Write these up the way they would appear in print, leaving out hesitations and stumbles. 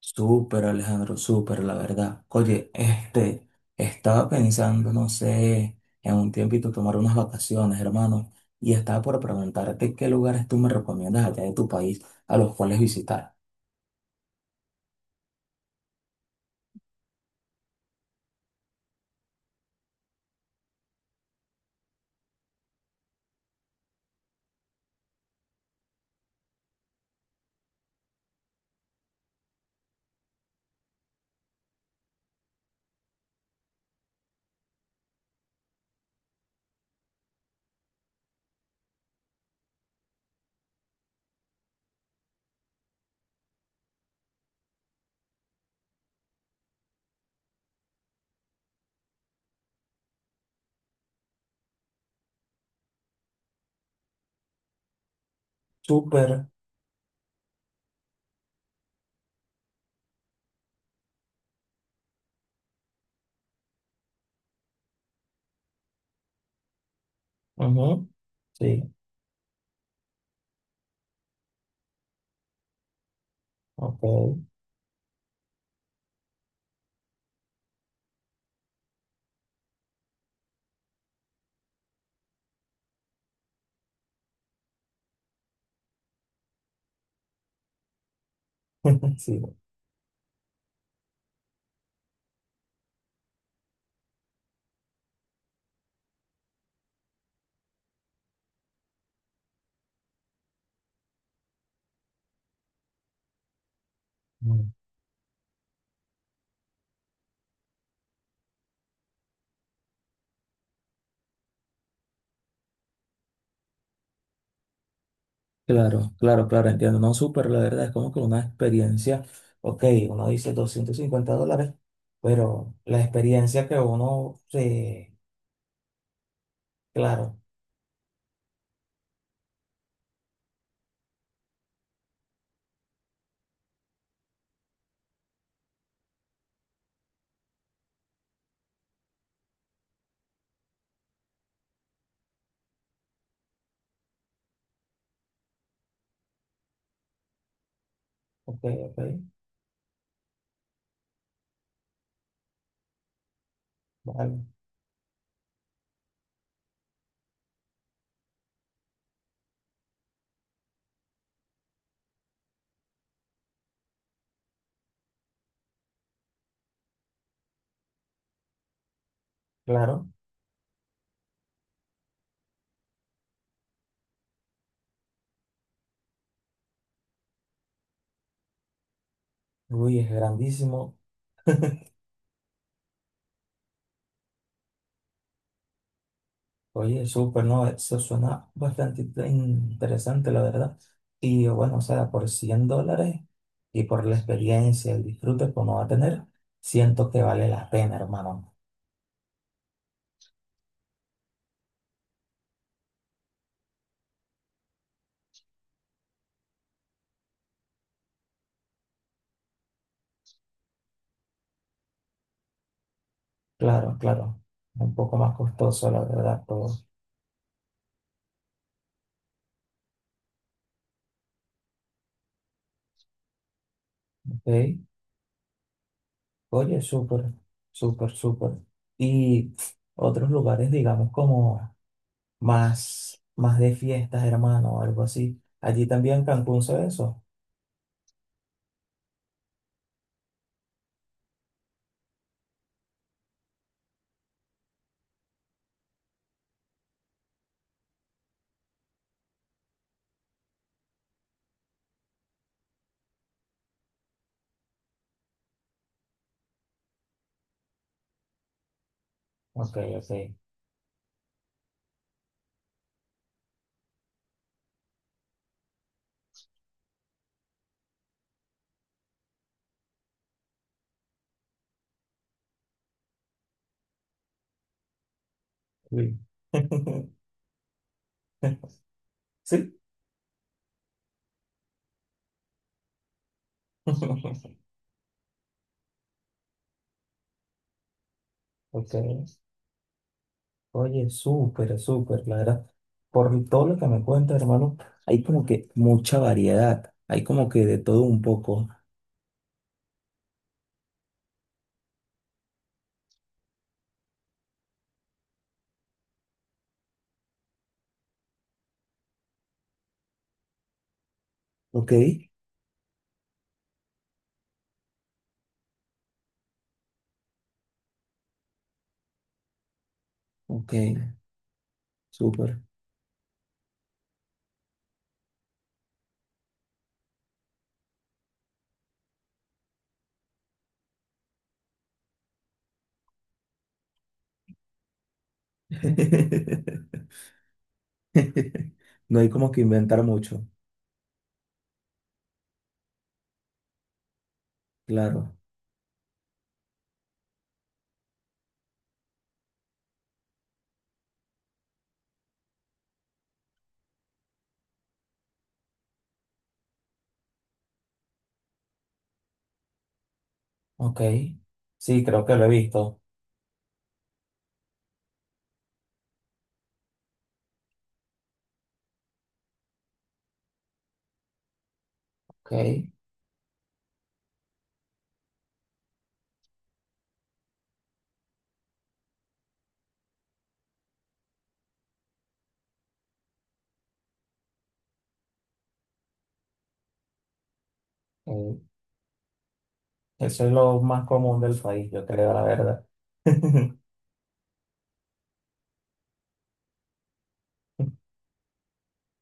Súper, Alejandro, súper, la verdad. Oye, estaba pensando, no sé, en un tiempito tomar unas vacaciones, hermano, y estaba por preguntarte qué lugares tú me recomiendas allá de tu país a los cuales visitar. Súper. Ujú. Sí. Ok. Sí. Mm. Claro, claro, claro, entiendo. No, súper, la verdad, es como que una experiencia. Ok, uno dice $250, pero la experiencia que uno se... Claro. Ok, ok. Vale. Claro, Luis es grandísimo. Oye, súper, ¿no? Eso suena bastante interesante, la verdad. Y bueno, o sea, por $100 y por la experiencia, el disfrute que uno va a tener, siento que vale la pena, hermano. Claro, claro. Un poco más costoso, la verdad, todo. Ok. Oye, súper, súper, súper. Y otros lugares, digamos, como más, más de fiestas, hermano, o algo así. Allí también en Cancún se ve eso. Ok, ok. Sí. Sí. Ok. Oye, súper, súper, la verdad. Por todo lo que me cuentas, hermano, hay como que mucha variedad. Hay como que de todo un poco. Ok. Ok. Súper. No hay como que inventar mucho. Claro. Ok. Sí, creo que lo he visto. Ok. Eso es lo más común del país, yo creo, la verdad.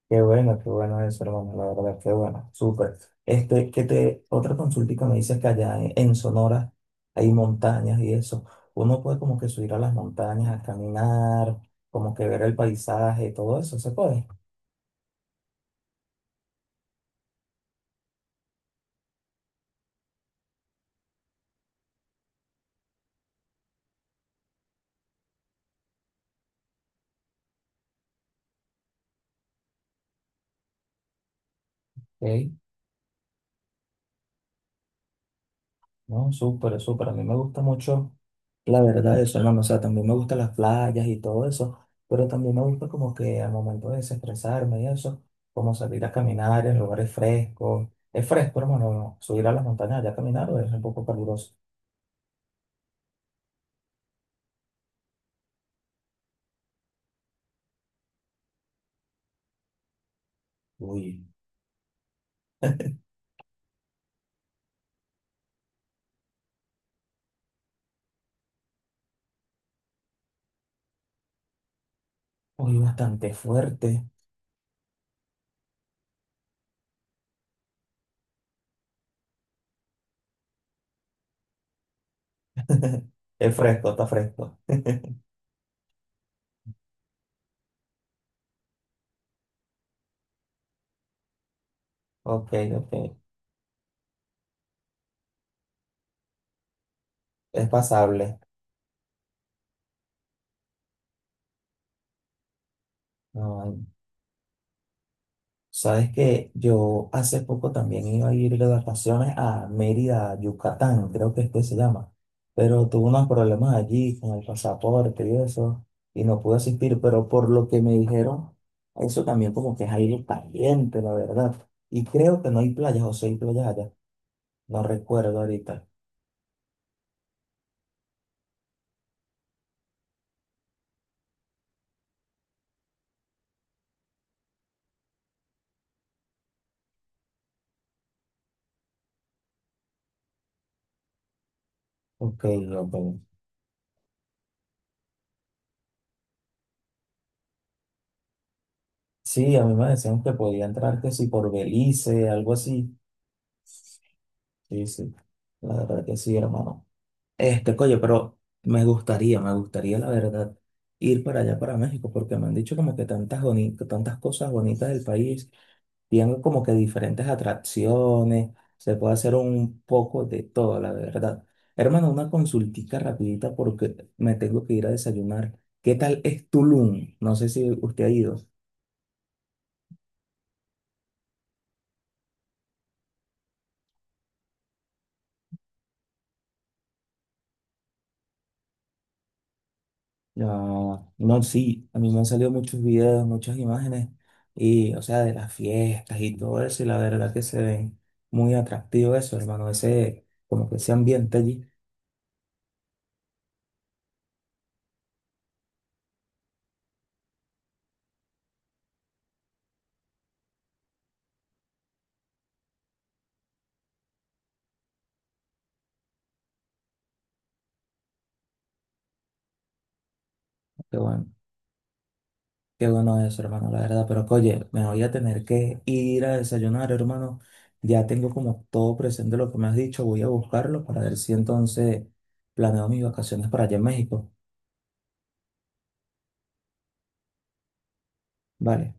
Qué bueno eso, hermano, la verdad, qué bueno, súper. Otra consultica me dices que allá en Sonora hay montañas y eso. Uno puede como que subir a las montañas, a caminar, como que ver el paisaje, todo eso, se puede. Ok, no, súper, súper. A mí me gusta mucho la verdad, eso, hermano, o sea, también me gustan las playas y todo eso, pero también me gusta como que al momento de desestresarme y eso, como salir a caminar en lugares frescos. ¿Es fresco, hermano, subir a las montañas allá a caminar o es un poco caluroso? Uy, uy, bastante fuerte. Es fresco, está fresco. Ok, ok, es pasable. No, sabes que yo hace poco también iba a ir de vacaciones a Mérida, Yucatán, creo que es que se llama, pero tuve unos problemas allí con el pasaporte y eso, y no pude asistir, pero por lo que me dijeron, eso también como que es aire caliente, la verdad. Y creo que no hay playas, o sí hay playas allá, no recuerdo ahorita. Ok, ok. Sí, a mí me decían que podía entrar que sí por Belice, algo así. Sí, sí, la verdad que sí, hermano. Coño, pero me gustaría, la verdad, ir para allá, para México, porque me han dicho como que tantas tantas cosas bonitas del país, tienen como que diferentes atracciones, se puede hacer un poco de todo, la verdad. Hermano, una consultica rapidita porque me tengo que ir a desayunar. ¿Qué tal es Tulum? No sé si usted ha ido. No, no, sí, a mí me han salido muchos videos, muchas imágenes, y, o sea, de las fiestas y todo eso, y la verdad que se ven muy atractivo eso, hermano, ese, como que ese ambiente allí, qué bueno, qué bueno eso, hermano, la verdad, pero que, oye, me voy a tener que ir a desayunar, hermano, ya tengo como todo presente lo que me has dicho, voy a buscarlo para ver si entonces planeo mis vacaciones para allá en México, vale.